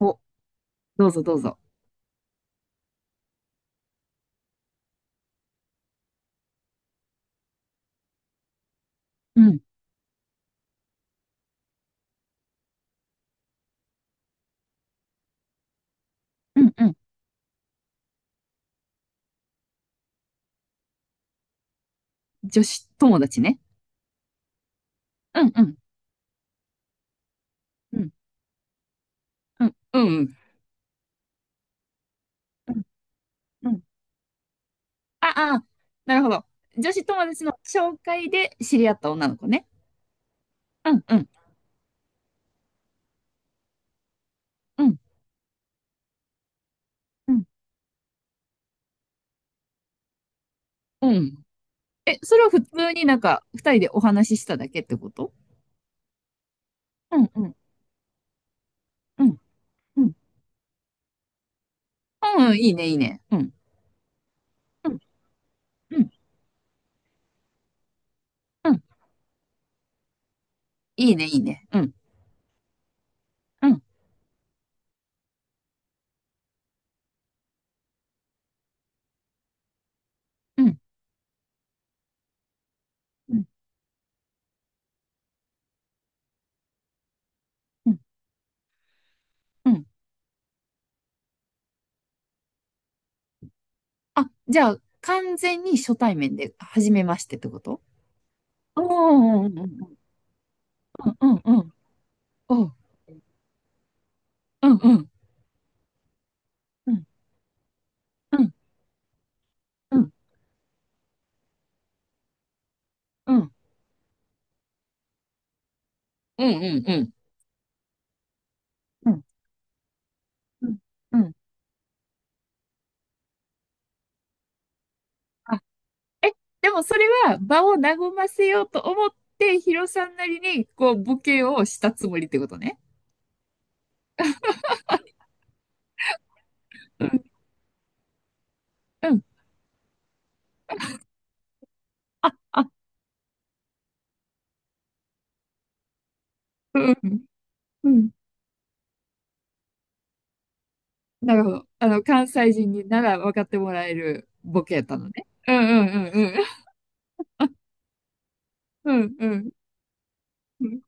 お、どうぞどうぞ。うん、うん、うん。女子友達ね。うん、うん、うん、うん、うん。うんうん。あ、あ、なるほど。女子友達の紹介で知り合った女の子ね。うん、うん、うん、うん、うん。え、それは普通になんか、二人でお話ししただけってこと？うん、うん、うん、うん。うん、いいね、いいね。うん、うん、うん、うん。いいね、いいね。うん、うん、うん、うん、うん。うん。あ、じゃあ、完全に初対面で、初めましてってこと？うん、うん、うん。うんうんうん。うんうんうんうんうんうんうんうんうん。うんうんうん。あ、え、でもそれは場を和ませようと思って、ヒロさんなりにこうボケをしたつもりってことね。うん、うん。あ、あ、うん、うん、なるほど。関西人になら分かってもらえるボケやったのね。うんうんうんうん。うんうんうんうん。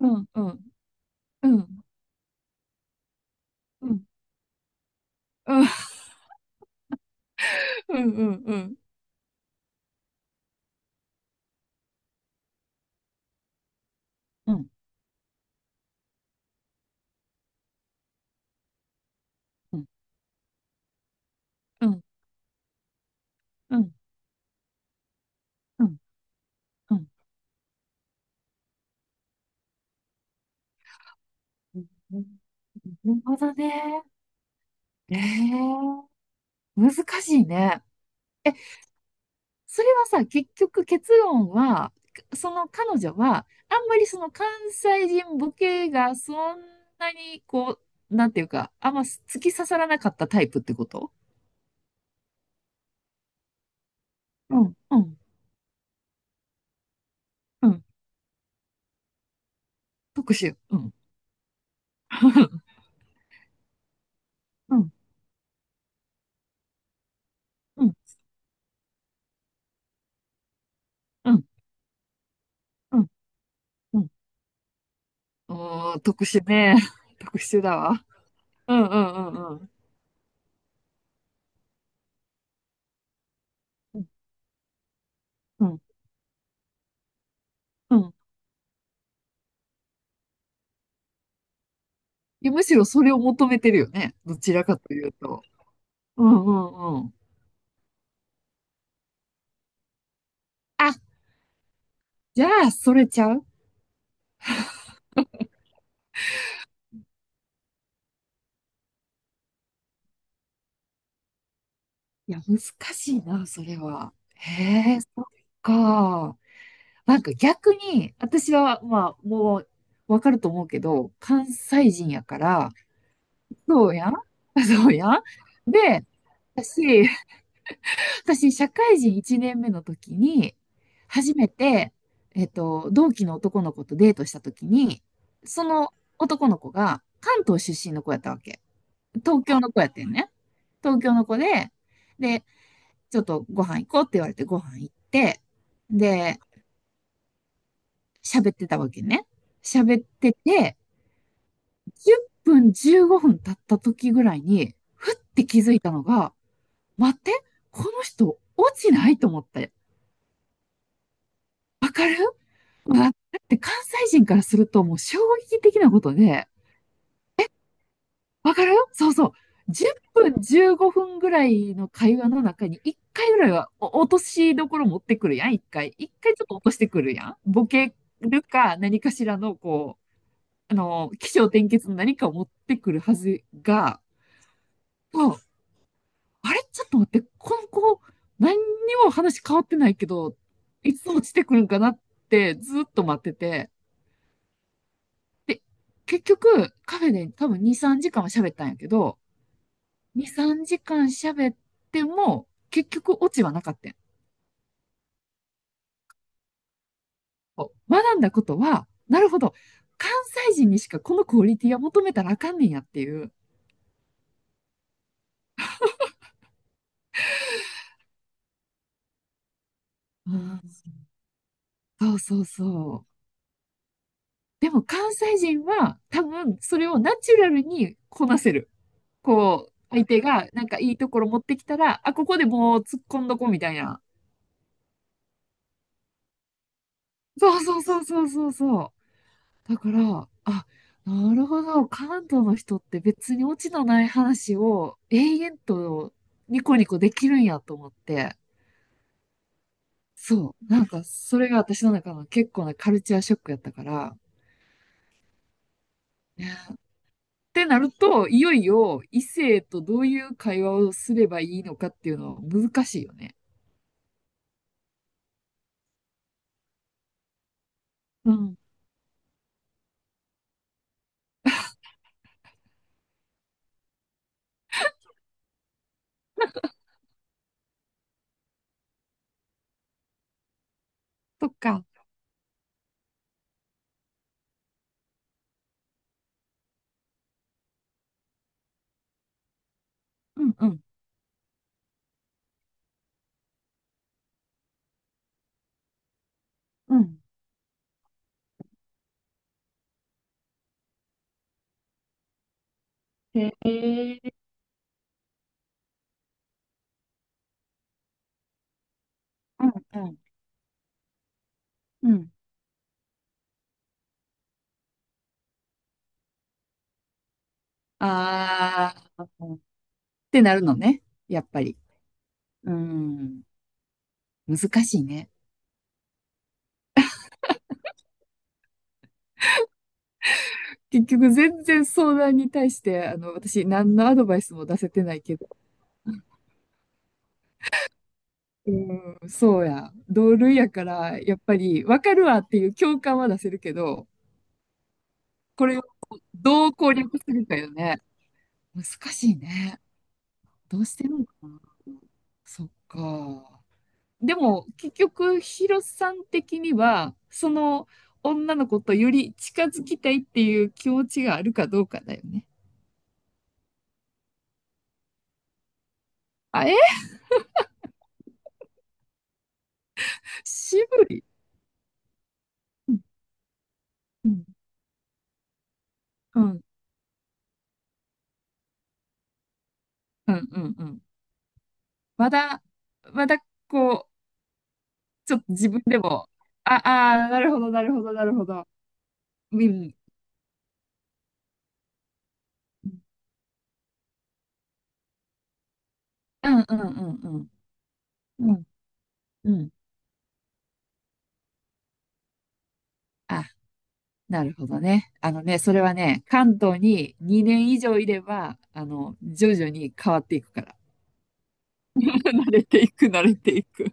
うんうんうん。うんうんうん。うんうんうん。うんうんうん。うんうんうん。うんうん。なるほどね。ええ、難しいね。え、それはさ、結局結論は、その彼女は、あんまりその関西人ボケがそんなにこう、なんていうか、あんま突き刺さらなかったタイプってこと？うん、うん、うん。特殊。うん。うん、うん、うん、うん、うん。おー、特殊ね。特殊だわ。うん、うん、うん、うん。うん、うん。いや、むしろそれを求めてるよね。どちらかというと。うんうんうん。あ、じゃあ、それちゃう？いや、難しいな、それは。へえ、そっか。なんか逆に、私は、まあ、もう、わかると思うけど、関西人やから、そうやん。 そうやん。で、私、私社会人1年目の時に、初めて、同期の男の子とデートした時に、その男の子が関東出身の子やったわけ。東京の子やってんね。東京の子で、ちょっとご飯行こうって言われてご飯行って、で、喋ってたわけね。喋ってて、10分15分経った時ぐらいに、ふって気づいたのが、待って、この人落ちないと思って。わかるわ、だって関西人からするともう衝撃的なことで、わかるよ、そうそう。10分、15分ぐらいの会話の中に1回ぐらいはお落としどころ持ってくるやん、1回。1回ちょっと落としてくるやん。ボケるか何かしらの、こう、起承転結の何かを持ってくるはずが、そう、あれ、ちょっと待って、この子、何にも話変わってないけど、いつ落ちてくるんかなってずっと待ってて、で、結局、カフェで多分2、3時間は喋ったんやけど、2、3時間喋っても、結局オチはなかったん。学んだことは、なるほど、関西人にしかこのクオリティは求めたらあかんねんやっていう。うん、そうそうそう。でも関西人は多分それをナチュラルにこなせる。こう、相手がなんかいいところ持ってきたら、あ、ここでもう突っ込んどこみたいな。そうそうそうそうそうそう。だから、あ、なるほど。関東の人って別にオチのない話を永遠とニコニコできるんやと思って。そう。なんか、それが私の中の結構なカルチャーショックやったから。ね。ってなると、いよいよ異性とどういう会話をすればいいのかっていうのは難しいよね。うん。そっか。うんうん。うん。へえ。うんうん。うん。ああ。ってなるのね。やっぱり。うん。難しいね。結局全然相談に対して、私何のアドバイスも出せてないけど、うん、そうや。同類やから、やっぱり分かるわっていう共感は出せるけど、これをどう攻略するかよね。難しいね。どうしてるのかな。そっか。でも、結局、ヒロさん的には、その女の子とより近づきたいっていう気持ちがあるかどうかだよね。あ、え、渋い。うんうんうん、うん、うん、うん。まだ、まだ、こう、ちょっと自分でも、あ、あー、なるほど、なるほど、なるほど。うん、うん、うん、うん、うん、うん。あ、なるほどね。あのね、それはね、関東に2年以上いれば、徐々に変わっていくから。慣れていく、慣れていく。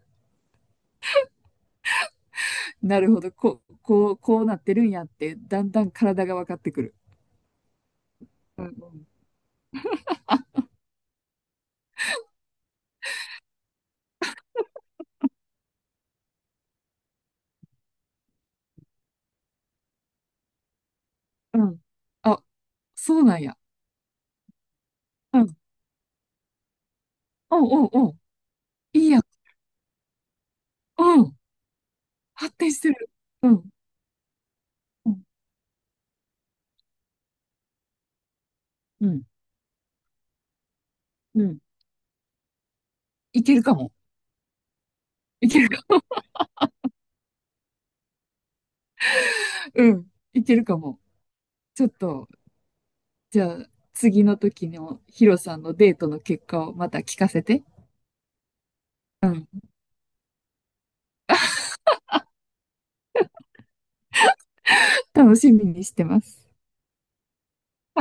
なるほど、こう、こう、こうなってるんやって、だんだん体が分かってくる。うん、うん、うん。あ、そうなんや。うん、おうおうおう、いいやん。うん。発展してる。うん。うん。うん。うん。いけるかも。いけるか。うん。いけるかも。ちょっと、じゃあ、次の時のヒロさんのデートの結果をまた聞かせて。うん。楽しみにしてます。